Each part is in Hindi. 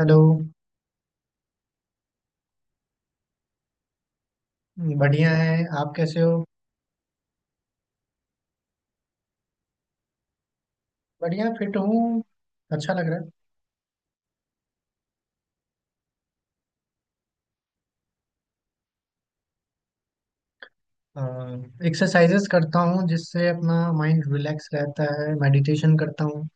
हेलो। बढ़िया है। आप कैसे हो? बढ़िया फिट हूँ। अच्छा लग रहा है। एक्सरसाइजेस करता हूँ, जिससे अपना माइंड रिलैक्स रहता है। मेडिटेशन करता हूँ।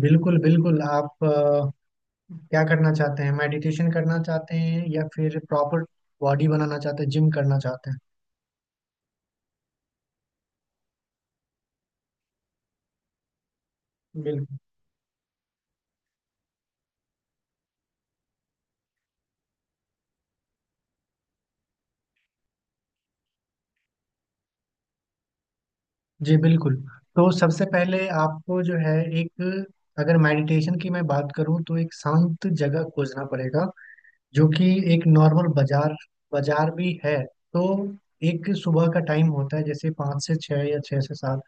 बिल्कुल बिल्कुल, आप क्या करना चाहते हैं? मेडिटेशन करना चाहते हैं या फिर प्रॉपर बॉडी बनाना चाहते हैं, जिम करना चाहते हैं? बिल्कुल। जी बिल्कुल। तो सबसे पहले आपको जो है, एक, अगर मेडिटेशन की मैं बात करूँ तो एक शांत जगह खोजना पड़ेगा, जो कि एक नॉर्मल बाजार, बाजार भी है। तो एक सुबह का टाइम होता है, जैसे 5 से 6 या 6 से 7,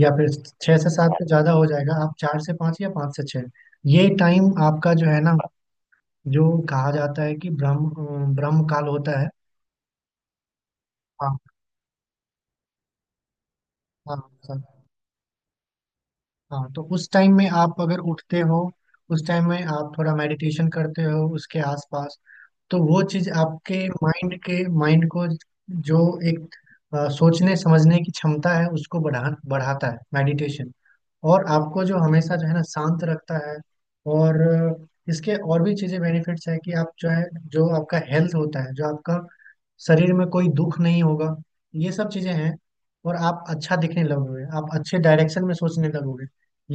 या फिर 6 से 7 तो ज़्यादा हो जाएगा, आप 4 से 5 या 5 से 6। ये टाइम आपका जो है ना, जो कहा जाता है कि ब्रह्म ब्रह्म काल होता है। हाँ, हाँ, सर। हाँ, तो उस टाइम में आप अगर उठते हो, उस टाइम में आप थोड़ा मेडिटेशन करते हो उसके आसपास, तो वो चीज आपके माइंड के माइंड को, जो एक, सोचने समझने की क्षमता है, उसको बढ़ाता है मेडिटेशन। और आपको जो हमेशा, जो है ना, शांत रखता है। और इसके और भी चीजें बेनिफिट्स है कि आप जो है, जो आपका हेल्थ होता है, जो आपका शरीर में कोई दुख नहीं होगा। ये सब चीजें हैं। और आप अच्छा दिखने लगोगे, आप अच्छे डायरेक्शन में सोचने लगोगे।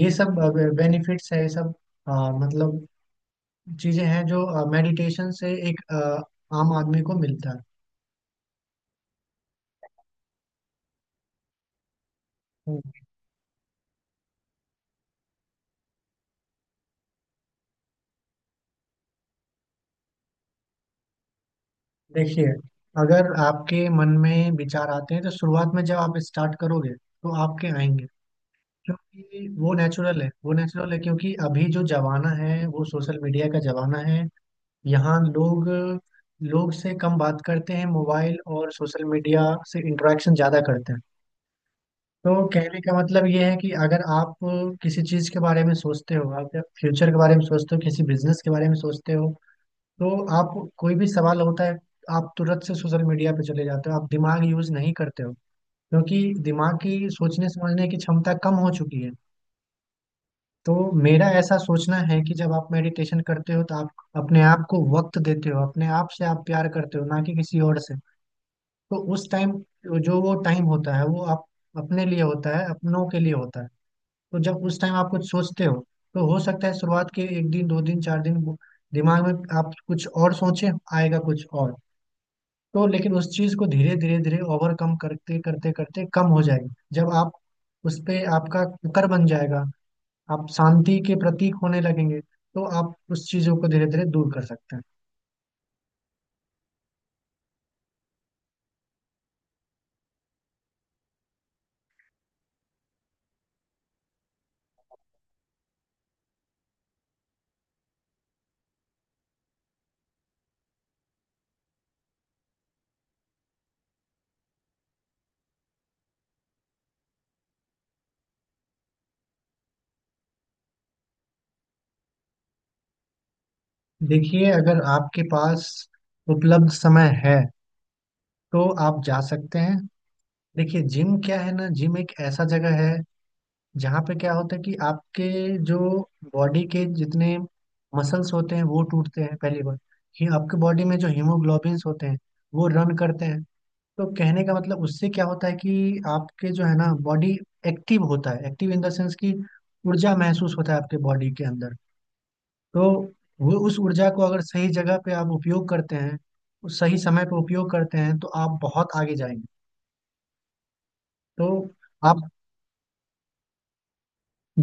ये सब बेनिफिट्स है, ये सब अ, मतलब चीजें हैं जो मेडिटेशन से एक आम आदमी को मिलता है। हम्म। देखिए, अगर आपके मन में विचार आते हैं, तो शुरुआत में जब आप स्टार्ट करोगे तो आपके आएंगे। क्योंकि वो नेचुरल है, वो नेचुरल है, क्योंकि अभी जो जमाना है वो सोशल मीडिया का जमाना है। यहाँ लोग लोग से कम बात करते हैं, मोबाइल और सोशल मीडिया से इंटरेक्शन ज़्यादा करते हैं। तो कहने का मतलब ये है कि अगर आप किसी चीज के बारे में सोचते हो, आप फ्यूचर के बारे में सोचते हो, किसी बिजनेस के बारे में सोचते हो, तो आप, कोई भी सवाल होता है, आप तुरंत से सोशल मीडिया पे चले जाते हो, आप दिमाग यूज नहीं करते हो। क्योंकि दिमाग की सोचने समझने की क्षमता कम हो चुकी है। तो मेरा ऐसा सोचना है कि जब आप मेडिटेशन करते हो तो आप अपने आप को वक्त देते हो, अपने आप से आप प्यार करते हो, ना कि किसी और से। तो उस टाइम, जो वो टाइम होता है, वो आप अपने लिए होता है, अपनों के लिए होता है। तो जब उस टाइम आप कुछ सोचते हो तो हो सकता है शुरुआत के एक दिन, दो दिन, चार दिन, वो दिमाग में आप कुछ और सोचे, आएगा कुछ और। तो लेकिन उस चीज को धीरे धीरे धीरे ओवरकम करते करते करते कम हो जाएगी, जब आप उस पे आपका कुकर बन जाएगा, आप शांति के प्रतीक होने लगेंगे, तो आप उस चीजों को धीरे धीरे दूर कर सकते हैं। देखिए, अगर आपके पास उपलब्ध समय है तो आप जा सकते हैं। देखिए जिम क्या है ना, जिम एक ऐसा जगह है जहाँ पे क्या होता है कि आपके जो बॉडी के जितने मसल्स होते हैं वो टूटते हैं पहली बार। ये आपके बॉडी में जो हीमोग्लोबिन्स होते हैं, वो रन करते हैं। तो कहने का मतलब, उससे क्या होता है कि आपके जो है ना बॉडी एक्टिव होता है, एक्टिव इन द सेंस कि ऊर्जा महसूस होता है आपके बॉडी के अंदर। तो वो, उस ऊर्जा को अगर सही जगह पे आप उपयोग करते हैं, उस सही समय पे उपयोग करते हैं, तो आप बहुत आगे जाएंगे। तो आप,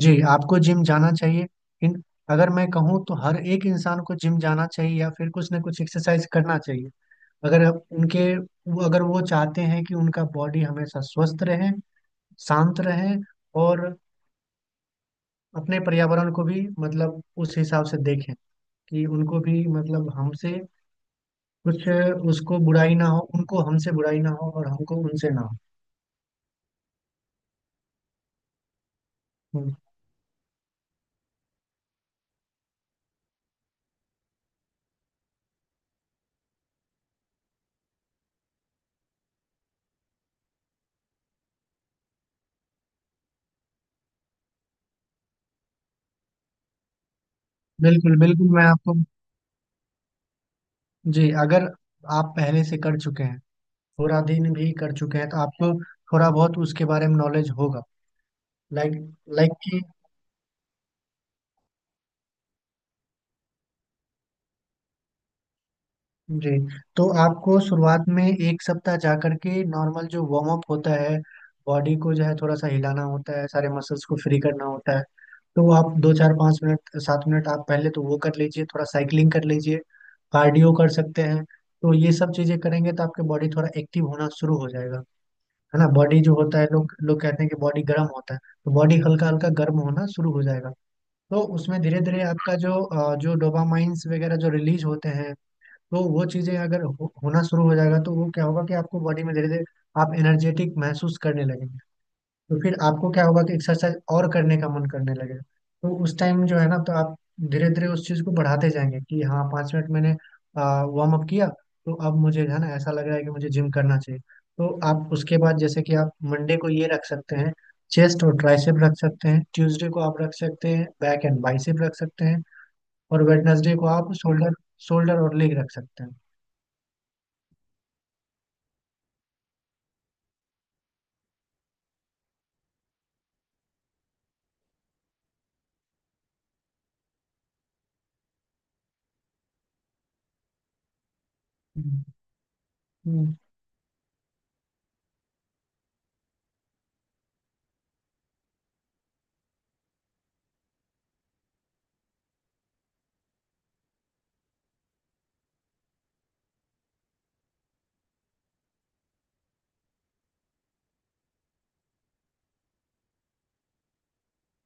जी आपको जिम जाना चाहिए। इन, अगर मैं कहूँ तो हर एक इंसान को जिम जाना चाहिए, या फिर कुछ ना कुछ एक्सरसाइज करना चाहिए, अगर आप उनके वो, अगर वो चाहते हैं कि उनका बॉडी हमेशा स्वस्थ रहे, शांत रहे, और अपने पर्यावरण को भी, मतलब उस हिसाब से देखें, कि उनको भी, मतलब हमसे कुछ, उसको बुराई ना हो, उनको हमसे बुराई ना हो, और हमको उनसे ना हो। हम्म, बिल्कुल बिल्कुल। मैं आपको, जी, अगर आप पहले से कर चुके हैं, पूरा दिन भी कर चुके हैं, तो आपको थोड़ा बहुत उसके बारे में नॉलेज होगा। लाइक लाइक कि, जी। तो आपको शुरुआत में एक सप्ताह जा करके नॉर्मल जो वार्म अप होता है, बॉडी को जो है थोड़ा सा हिलाना होता है, सारे मसल्स को फ्री करना होता है। तो वो आप दो, चार, पाँच मिनट, 7 मिनट आप पहले तो वो कर लीजिए, थोड़ा साइकिलिंग कर लीजिए, कार्डियो कर सकते हैं। तो ये सब चीज़ें करेंगे तो आपके बॉडी थोड़ा एक्टिव होना शुरू हो जाएगा। है ना, बॉडी जो होता है, लोग लोग कहते हैं कि बॉडी गर्म होता है। तो बॉडी हल्का हल्का गर्म होना शुरू हो जाएगा। तो उसमें धीरे धीरे आपका जो जो डोपामाइंस वगैरह जो रिलीज होते हैं, तो वो चीज़ें अगर होना शुरू हो जाएगा, तो वो क्या होगा कि आपको बॉडी में धीरे धीरे आप एनर्जेटिक महसूस करने लगेंगे। तो फिर आपको क्या होगा कि एक्सरसाइज और करने का मन करने लगेगा। तो उस टाइम जो है ना, तो आप धीरे धीरे उस चीज को बढ़ाते जाएंगे कि हाँ, 5 मिनट मैंने वार्म अप किया, तो अब मुझे जो है ना ऐसा लग रहा है कि मुझे जिम करना चाहिए। तो आप उसके बाद, जैसे कि आप मंडे को ये रख सकते हैं, चेस्ट और ट्राइसेप रख सकते हैं, ट्यूसडे को आप रख सकते हैं बैक एंड बाइसेप रख सकते हैं, और वेडनेसडे को आप शोल्डर, शोल्डर और लेग रख सकते हैं। हम्म, हम्म।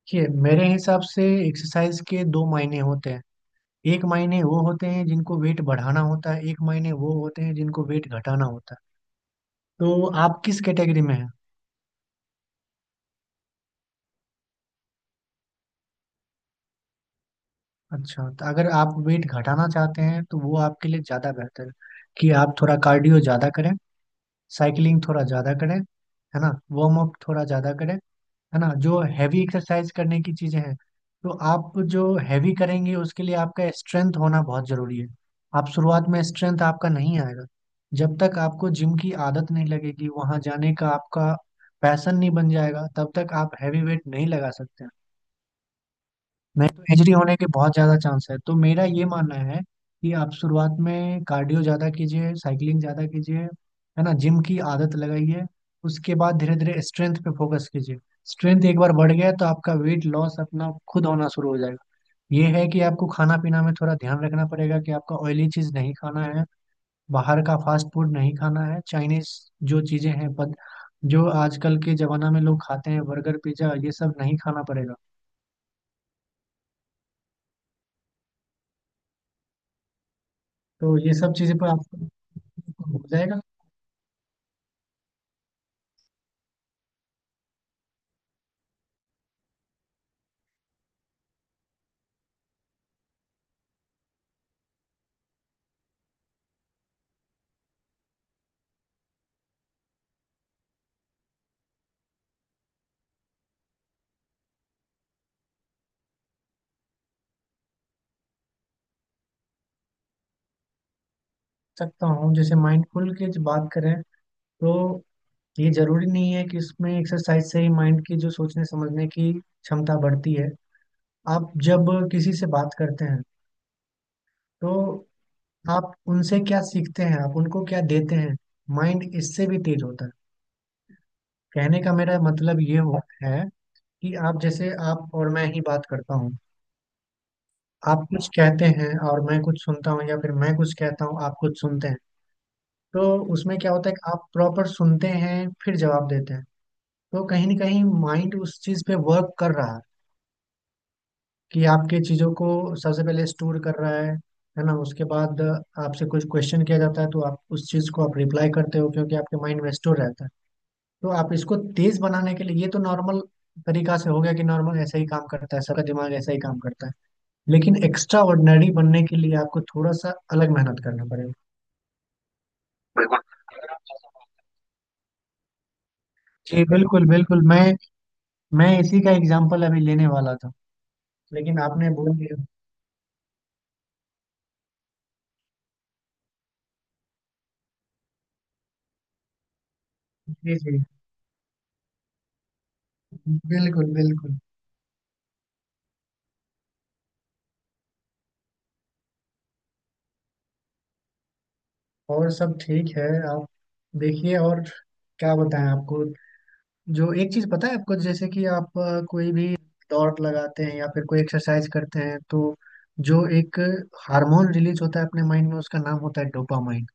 देखिए, मेरे हिसाब से एक्सरसाइज के दो मायने होते हैं, एक मायने वो होते हैं जिनको वेट बढ़ाना होता है, एक मायने वो होते हैं जिनको वेट घटाना होता है। तो आप किस कैटेगरी में हैं? अच्छा, तो अगर आप वेट घटाना चाहते हैं तो वो आपके लिए ज़्यादा बेहतर है कि आप थोड़ा कार्डियो ज़्यादा करें, साइकिलिंग थोड़ा ज़्यादा करें, है ना, वार्म अप थोड़ा ज़्यादा करें। है ना, जो हैवी एक्सरसाइज करने की चीजें हैं, तो आप जो हैवी करेंगे उसके लिए आपका स्ट्रेंथ होना बहुत जरूरी है। आप शुरुआत में स्ट्रेंथ आपका नहीं आएगा, जब तक आपको जिम की आदत नहीं लगेगी, वहां जाने का आपका पैशन नहीं बन जाएगा, तब तक आप हैवी वेट नहीं लगा सकते। नहीं तो एजरी होने के बहुत ज़्यादा चांस है। तो मेरा ये मानना है कि आप शुरुआत में कार्डियो ज़्यादा कीजिए, साइकिलिंग ज़्यादा कीजिए, है ना, जिम की आदत लगाइए, उसके बाद धीरे धीरे स्ट्रेंथ पे फोकस कीजिए। स्ट्रेंथ एक बार बढ़ गया तो आपका वेट लॉस अपना खुद होना शुरू हो जाएगा। ये है कि आपको खाना पीना में थोड़ा ध्यान रखना पड़ेगा, कि आपका ऑयली चीज़ नहीं खाना है, बाहर का फास्ट फूड नहीं खाना है, चाइनीज जो चीज़ें हैं पद, जो आजकल के ज़माना में लोग खाते हैं, बर्गर, पिज्ज़ा, ये सब नहीं खाना पड़ेगा। तो ये सब चीज़ें पर आप हो जाएगा। सकता हूँ, जैसे माइंडफुल की जो बात करें, तो ये जरूरी नहीं है कि इसमें एक्सरसाइज से ही माइंड की जो सोचने समझने की क्षमता बढ़ती है। आप जब किसी से बात करते हैं, तो आप उनसे क्या सीखते हैं, आप उनको क्या देते हैं, माइंड इससे भी तेज होता है। कहने का मेरा मतलब ये हो है, कि आप, जैसे आप और मैं ही बात करता हूँ, आप कुछ कहते हैं और मैं कुछ सुनता हूँ, या फिर मैं कुछ कहता हूँ आप कुछ सुनते हैं। तो उसमें क्या होता है कि आप प्रॉपर सुनते हैं, फिर जवाब देते हैं। तो कहीं ना कहीं माइंड उस चीज पे वर्क कर रहा है, कि आपके चीजों को सबसे पहले स्टोर कर रहा है। है ना, उसके बाद आपसे कुछ क्वेश्चन किया जाता है, तो आप उस चीज को आप रिप्लाई करते हो, क्योंकि आपके माइंड में स्टोर रहता है। तो आप इसको तेज बनाने के लिए, ये तो नॉर्मल तरीका से हो गया, कि नॉर्मल ऐसा ही काम करता है, सबका दिमाग ऐसा ही काम करता है। लेकिन एक्स्ट्रा ऑर्डिनरी बनने के लिए आपको थोड़ा सा अलग मेहनत करना पड़ेगा। बिल्कुल। जी बिल्कुल बिल्कुल, मैं इसी का एग्जाम्पल अभी लेने वाला था लेकिन आपने बोल दिया। जी जी, बिल्कुल बिल्कुल। और सब ठीक है। आप, देखिए, और क्या बताएं आपको, जो एक चीज पता है आपको, जैसे कि आप कोई भी दौड़ लगाते हैं या फिर कोई एक्सरसाइज करते हैं, तो जो एक हार्मोन रिलीज होता है अपने माइंड में, उसका नाम होता है डोपामाइन।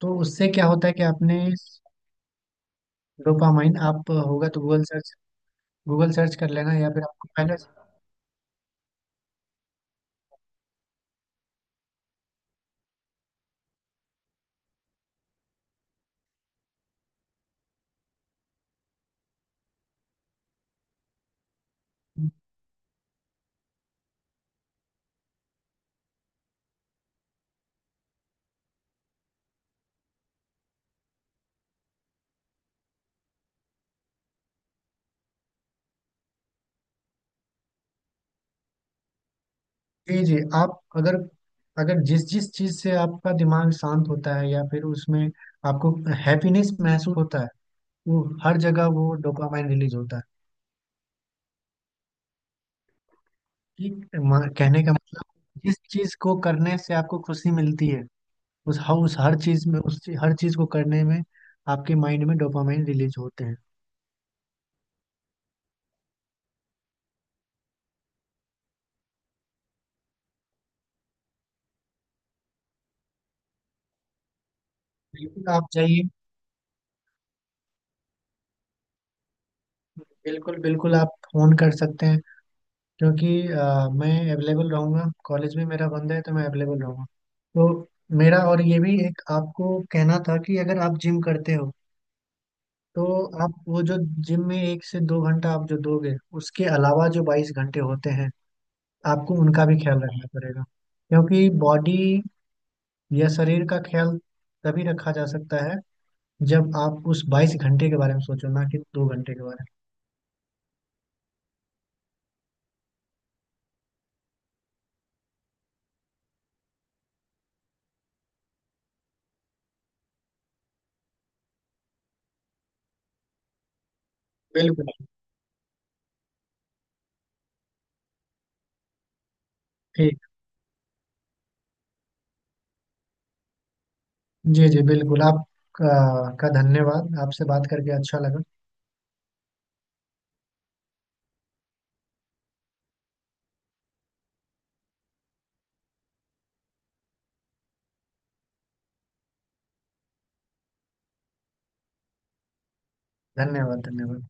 तो उससे क्या होता है कि आपने, डोपामाइन आप होगा तो गूगल सर्च, गूगल सर्च कर लेना, या फिर आपको पहले, जी जी आप, अगर, अगर जिस जिस चीज से आपका दिमाग शांत होता है या फिर उसमें आपको हैप्पीनेस महसूस होता है, वो हर जगह वो डोपामाइन रिलीज होता है। कि कहने का मतलब, जिस चीज को करने से आपको खुशी मिलती है, उस हर चीज में, हर चीज को करने में आपके माइंड में डोपामाइन रिलीज होते हैं। बिल्कुल, आप जाइए। बिल्कुल बिल्कुल, आप फोन कर सकते हैं, क्योंकि मैं अवेलेबल रहूँगा, कॉलेज भी मेरा बंद है तो मैं अवेलेबल रहूँगा। तो मेरा, और ये भी एक आपको कहना था, कि अगर आप जिम करते हो, तो आप वो जो जिम में 1 से 2 घंटा आप जो दोगे, उसके अलावा जो 22 घंटे होते हैं, आपको उनका भी ख्याल रखना पड़ेगा। क्योंकि बॉडी या शरीर का ख्याल तभी रखा जा सकता है जब आप उस 22 घंटे के बारे में सोचो, ना कि 2 घंटे के बारे में। बिल्कुल। ठीक। जी जी बिल्कुल। आप का धन्यवाद, आपसे बात करके अच्छा लगा। धन्यवाद, धन्यवाद।